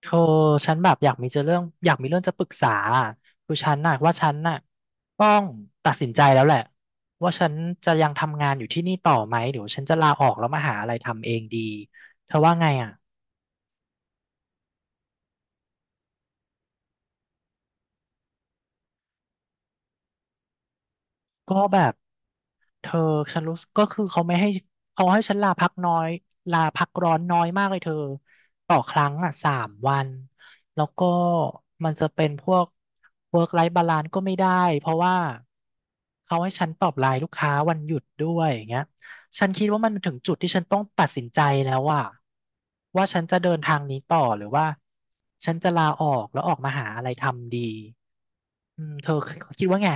โธอฉันแบบอยากมีเรื่องจะปรึกษาอะคือฉันน่ะต้องตัดสินใจแล้วแหละว่าฉันจะยังทำงานอยู่ที่นี่ต่อไหมหรือว่าฉันจะลาออกแล้วมาหาอะไรทำเองดีเธอว่าไงอ่ะก็แบบ เธอฉันรู้สึกก็คือเขาให้ฉันลาพักร้อนน้อยมากเลยเธอต่อครั้งอ่ะ3 วันแล้วก็มันจะเป็นพวก work life balance ก็ไม่ได้เพราะว่าเขาให้ฉันตอบไลน์ลูกค้าวันหยุดด้วยอย่างเงี้ยฉันคิดว่ามันถึงจุดที่ฉันต้องตัดสินใจแล้วว่าฉันจะเดินทางนี้ต่อหรือว่าฉันจะลาออกแล้วออกมาหาอะไรทำดีอืมเธอคิดว่าไง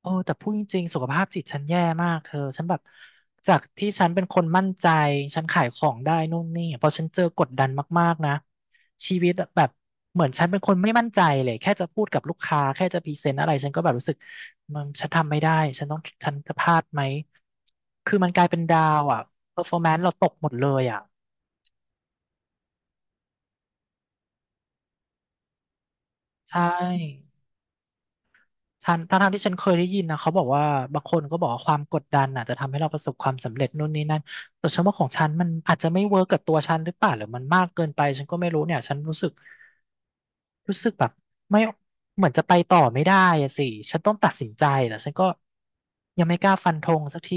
โอ้แต่พูดจริงๆสุขภาพจิตฉันแย่มากเธอฉันแบบจากที่ฉันเป็นคนมั่นใจฉันขายของได้นู่นนี่พอฉันเจอกดดันมากๆนะชีวิตแบบเหมือนฉันเป็นคนไม่มั่นใจเลยแค่จะพูดกับลูกค้าแค่จะพรีเซนต์อะไรฉันก็แบบรู้สึกมันฉันทำไม่ได้ฉันต้องฉันจะพลาดไหมคือมันกลายเป็นดาวอ่ะ performance เราตกหมดเลยอ่ะใช่ ฉันทั้งๆที่ฉันเคยได้ยินนะเขาบอกว่าบางคนก็บอกว่าความกดดันอาจจะทำให้เราประสบความสำเร็จนู่นนี่นั่นแต่ฉันว่าของฉันมันอาจจะไม่เวิร์กกับตัวฉันหรือเปล่าหรือมันมากเกินไปฉันก็ไม่รู้เนี่ยฉันรู้สึกแบบไม่เหมือนจะไปต่อไม่ได้อะสิฉันต้องตัดสินใจแต่ฉันก็ยังไม่กล้าฟันธงสักที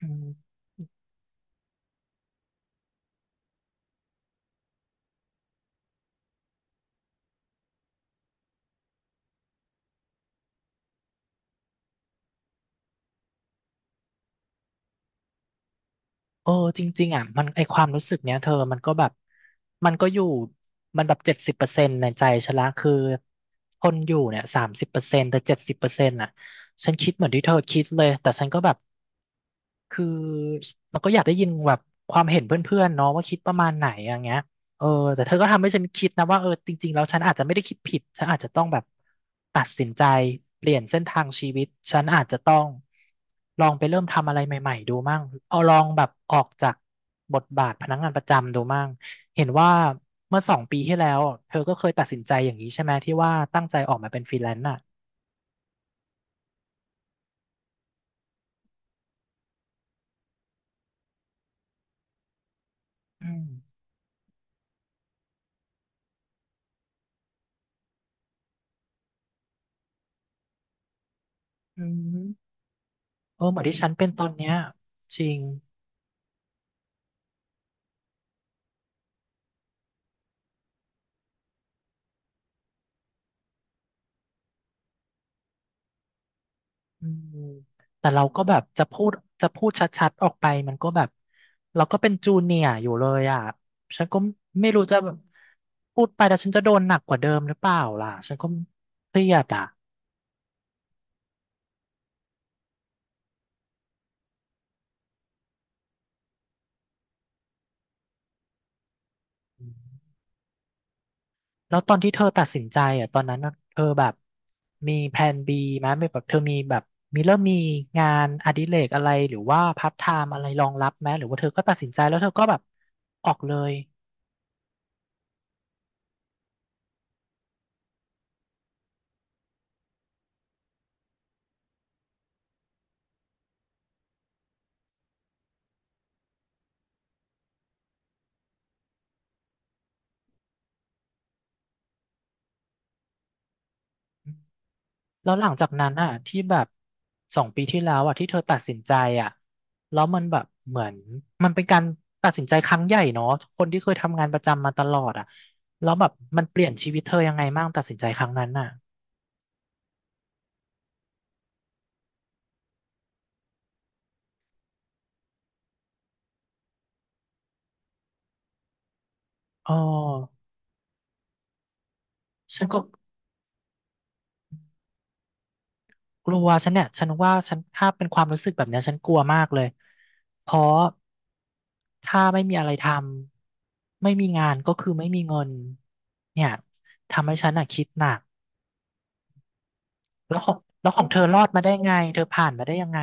อืม เออจริงๆอ่ะมันไอความรู้สึกเนี้ยเธอมันก็แบบมันก็อยู่มันแบบเจ็ดสิบเปอร์เซ็นต์ในใจฉันละคือคนอยู่เนี่ย30%แต่เจ็ดสิบเปอร์เซ็นต์อ่ะฉันคิดเหมือนที่เธอคิดเลยแต่ฉันก็แบบ คือเราก็อยากได้ยินแบบความเห็นเพื่อนๆเนาะว่าคิดประมาณไหนอย่างเงี้ยเออแต่เธอก็ทำให้ฉันคิดนะว่าเออจริงๆแล้วฉันอาจจะไม่ได้คิดผิดฉันอาจจะต้องแบบตัดสินใจเปลี่ยนเส้นทางชีวิตฉันอาจจะต้องลองไปเริ่มทำอะไรใหม่ๆดูมั่งเอาลองแบบออกจากบทบาทพนักงานประจำดูมั่งเห็นว่าเมื่อสองปีที่แล้วเธอก็เคยตัดสินใจอย่างนี้ใช่ไหมที่ว่าตั้งใจออกมาเป็นฟรีแลนซ์อ่ะอืมอืมเออเหมือนที่ฉันเป็นตอนเนี้ยจริง อืมแต่เราก็แบบจะพูดชัดๆออกไปมันก็แบบเราก็เป็นจูเนียร์อยู่เลยอ่ะฉันก็ไม่รู้จะแบบพูดไปแล้วฉันจะโดนหนักกว่าเดิมหรือเปล่าล่ะฉันก็เครียดอ่ะแล้วตอนที่เธอตัดสินใจอ่ะตอนนั้นน่ะเธอแบบมีแพลน B ไหมไม่แบบเธอมีแบบมีเริ่มมีงานอดิเรกอะไรหรือว่าพาร์ทไทม์อะไรรองรับไหมหรือว่าเธอก็ตัดสินใจแล้วเธอก็แบบออกเลย แล้วหลังจากนั้นอ่ะที่แบบสองปีที่แล้วอ่ะที่เธอตัดสินใจอ่ะแล้วมันแบบเหมือนมันเป็นการตัดสินใจครั้งใหญ่เนาะคนที่เคยทำงานประจำมาตลอดอ่ะแล้วแบบมันเปลี่ยนชีวิตเธอยังไงบ้างตัดสินใจครั้งนั้นอ่ะอ๋อฉันก็กลัวฉันเนี่ยฉันว่าฉันถ้าเป็นความรู้สึกแบบเนี้ยฉันกลัวมากเลยเพราะถ้าไม่มีอะไรทำไม่มีงานก็คือไม่มีเงินเนี่ยทำให้ฉันอ่ะคิดหนัก แล้วของแล้วของเธอรอดมาได้ไงเธอผ่านมาได้ยังไง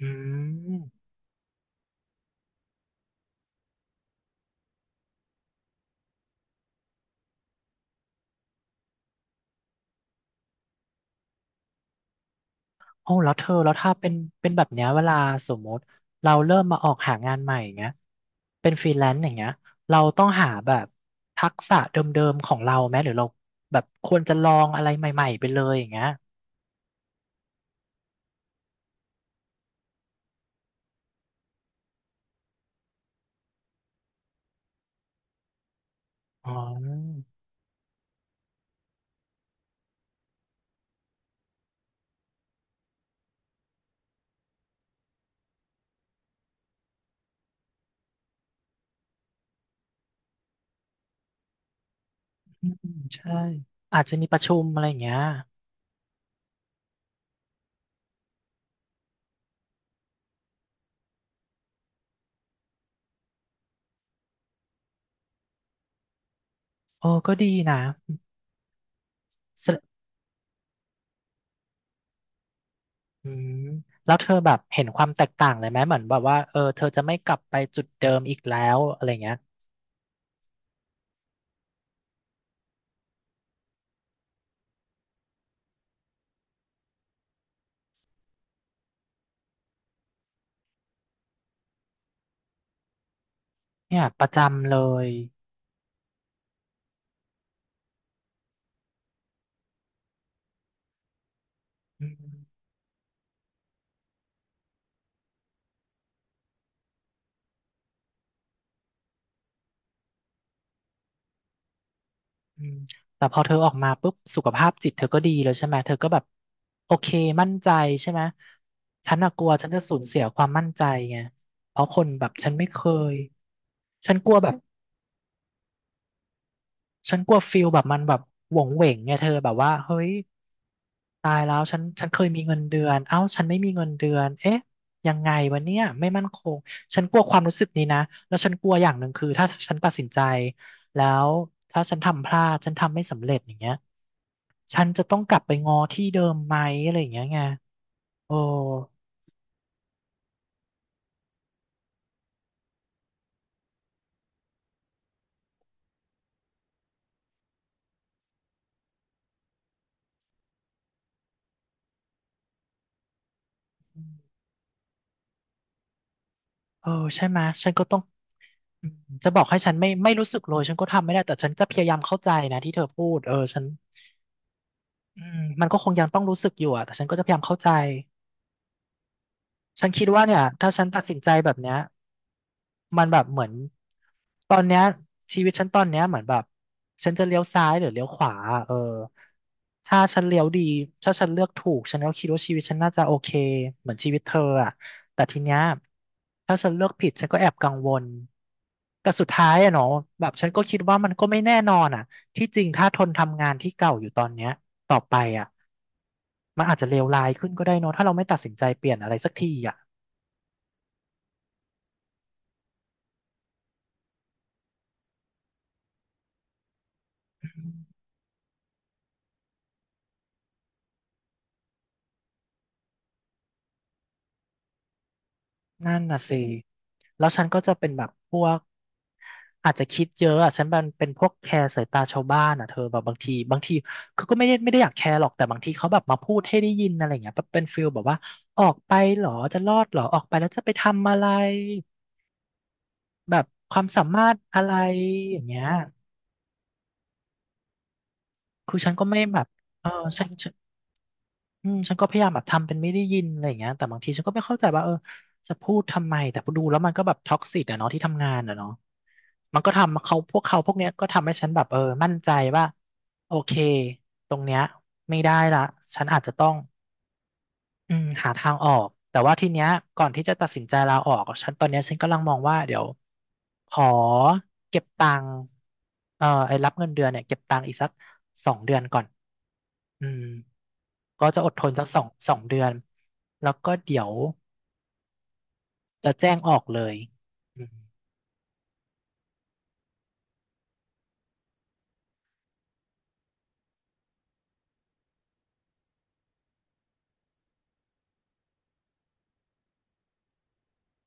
อืมโอ้แล้วเธอแล้วถ้าเป็นแบบเนี้ยเวลาสมมติเราเริ่มมาออกหางานใหม่อย่างเงี้ยเป็นฟรีแลนซ์อย่างเงี้ยเราต้องหาแบบทักษะเดิมๆของเราไหมหรือเราแบบควรจะลองอะไรใหม่ๆไปเลยอย่างเงี้ยอ๋ออืมใช่อาจจะมีประชุมอะไรอย่างเงี้ยโอ้ก็ดีนะแสดอืมแล้วเธอแบบเห็นความแตกต่างเลยไหมเหมือนแบบว่าเออเธอจะไม่กลับไปจุดเดิมอีกแล้วอะไรเงี้ย เนี่ยประจำเลยอืมอืมแต่พอเธอออกมาปุ๊บสุขภาพจิตเธอก็ดีแล้วใช่ไหมเธอก็แบบโอเคมั่นใจใช่ไหมฉันน่ะกลัวฉันจะสูญเสียความมั่นใจไงเพราะคนแบบฉันไม่เคยฉันกลัวแบบฉันกลัวฟิลแบบมันแบบหวงเหวงไงเธอแบบว่าเฮ้ย ตายแล้วฉันเคยมีเงินเดือนเอ้าฉันไม่มีเงินเดือนเอ๊ะยังไงวะเนี่ยไม่มั่นคงฉันกลัวความรู้สึกนี้นะแล้วฉันกลัวอย่างหนึ่งคือถ้าฉันตัดสินใจแล้วถ้าฉันทำพลาดฉันทำไม่สำเร็จอย่างเงี้ยฉันจะต้องกลับไปงอที่เดิมไหมอะไรอย่างเงี้ยไงโอ้เออใช่ไหมยฉันก็ต้องอืมจะบอกให้ฉันไม่รู้สึกเลยฉันก็ทำไม่ได้แต่ฉันจะพยายามเข้าใจนะที่เธอพูดเออฉันอืมมันก็คงยังต้องรู้สึกอยู่อะแต่ฉันก็จะพยายามเข้าใจ ฉันคิดว่าเนี่ยถ้าฉันตัดสินใจแบบเนี้ยมันแบบเหมือนตอนเนี้ยชีวิตฉันตอนเนี้ยเหมือนแบบฉันจะเลี้ยวซ้ายหรือเลี้ยวขวาเออถ้าฉันเลี้ยวดีถ้าฉันเลือกถูกฉันก็คิดว่าชีวิตฉันน่าจะโอเคเหมือนชีวิตเธออะแต่ทีเนี้ยถ้าฉันเลือกผิดฉันก็แอบกังวลแต่สุดท้ายอะเนาะแบบฉันก็คิดว่ามันก็ไม่แน่นอนอะที่จริงถ้าทนทำงานที่เก่าอยู่ตอนเนี้ยต่อไปอะมันอาจจะเลวร้ายขึ้นอีกอะ นั่นน่ะสิแล้วฉันก็จะเป็นแบบพวกอาจจะคิดเยอะอ่ะฉันเป็นพวกแคร์สายตาชาวบ้านอ่ะเธอแบบบางทีบางทีเขาก็ไม่ได้อยากแคร์หรอกแต่บางทีเขาแบบมาพูดให้ได้ยินอะไรอย่างเงี้ยเป็นฟิลแบบว่าออกไปเหรอจะรอดเหรอออกไปแล้วจะไปทำอะไรแบบความสามารถอะไรอย่างเงี้ยคือฉันก็ไม่แบบเออฉัน อืมฉันก็พยายามแบบทำเป็นไม่ได้ยินอะไรอย่างเงี้ยแต่บางทีฉันก็ไม่เข้าใจว่าเออจะพูดทำไมแต่พอดูแล้วมันก็แบบท็อกซิกอะเนาะที่ทำงานอะเนาะมันก็ทำเขาพวกเนี้ยก็ทำให้ฉันแบบเออมั่นใจว่าโอเคตรงเนี้ยไม่ได้ละฉันอาจจะต้องอืมหาทางออกแต่ว่าทีเนี้ยก่อนที่จะตัดสินใจลาออกฉันตอนเนี้ยฉันกำลังมองว่าเดี๋ยวขอเก็บตังค์ไอ้รับเงินเดือนเนี่ยเก็บตังค์อีกสักสองเดือนก่อนอืม ก็จะอดทนสักสองเดือนแล้วก็เดี๋ยวจะแจ้งออกเลยอืม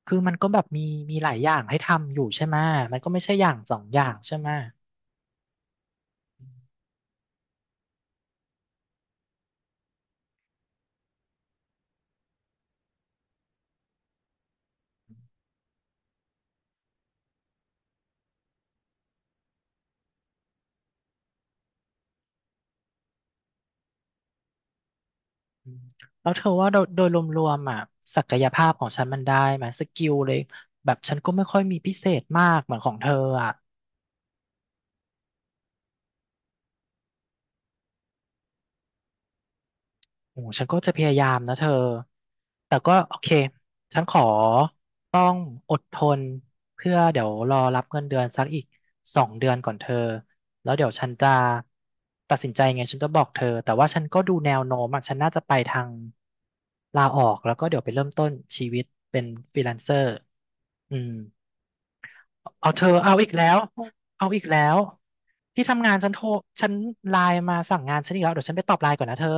คือมันก็แบบมีมีหลายอย่างให้ทำอยู่ใช่ไหมมันก็ไม่ใช่อย่างสองอย่างใช่ไหมอืมแล้วเธอว่าโดยรวมๆอ่ะศักยภาพของฉันมันได้ไหมสกิลเลยแบบฉันก็ไม่ค่อยมีพิเศษมากเหมือนของเธออ่ะ โอ้ฉันก็จะพยายามนะเธอ แต่ก็โอเคฉันขอต้องอดทนเพื่อเดี๋ยวรอรับเงินเดือนสักอีกสองเดือนก่อนเธอ แล้วเดี๋ยวฉันจะตัดสินใจไงฉันจะบอกเธอแต่ว่าฉันก็ดูแนวโน้มอะฉันน่าจะไปทางลาออกแล้วก็เดี๋ยวไปเริ่มต้นชีวิตเป็นฟรีแลนเซอร์อืมเอาเธอเอาอีกแล้ว เอาอีกแล้ว ที่ทำงานฉันโทร ฉันไลน์มาสั่งงานฉันอีกแล้วเดี๋ยวฉันไปตอบไลน์ก่อนนะเธอ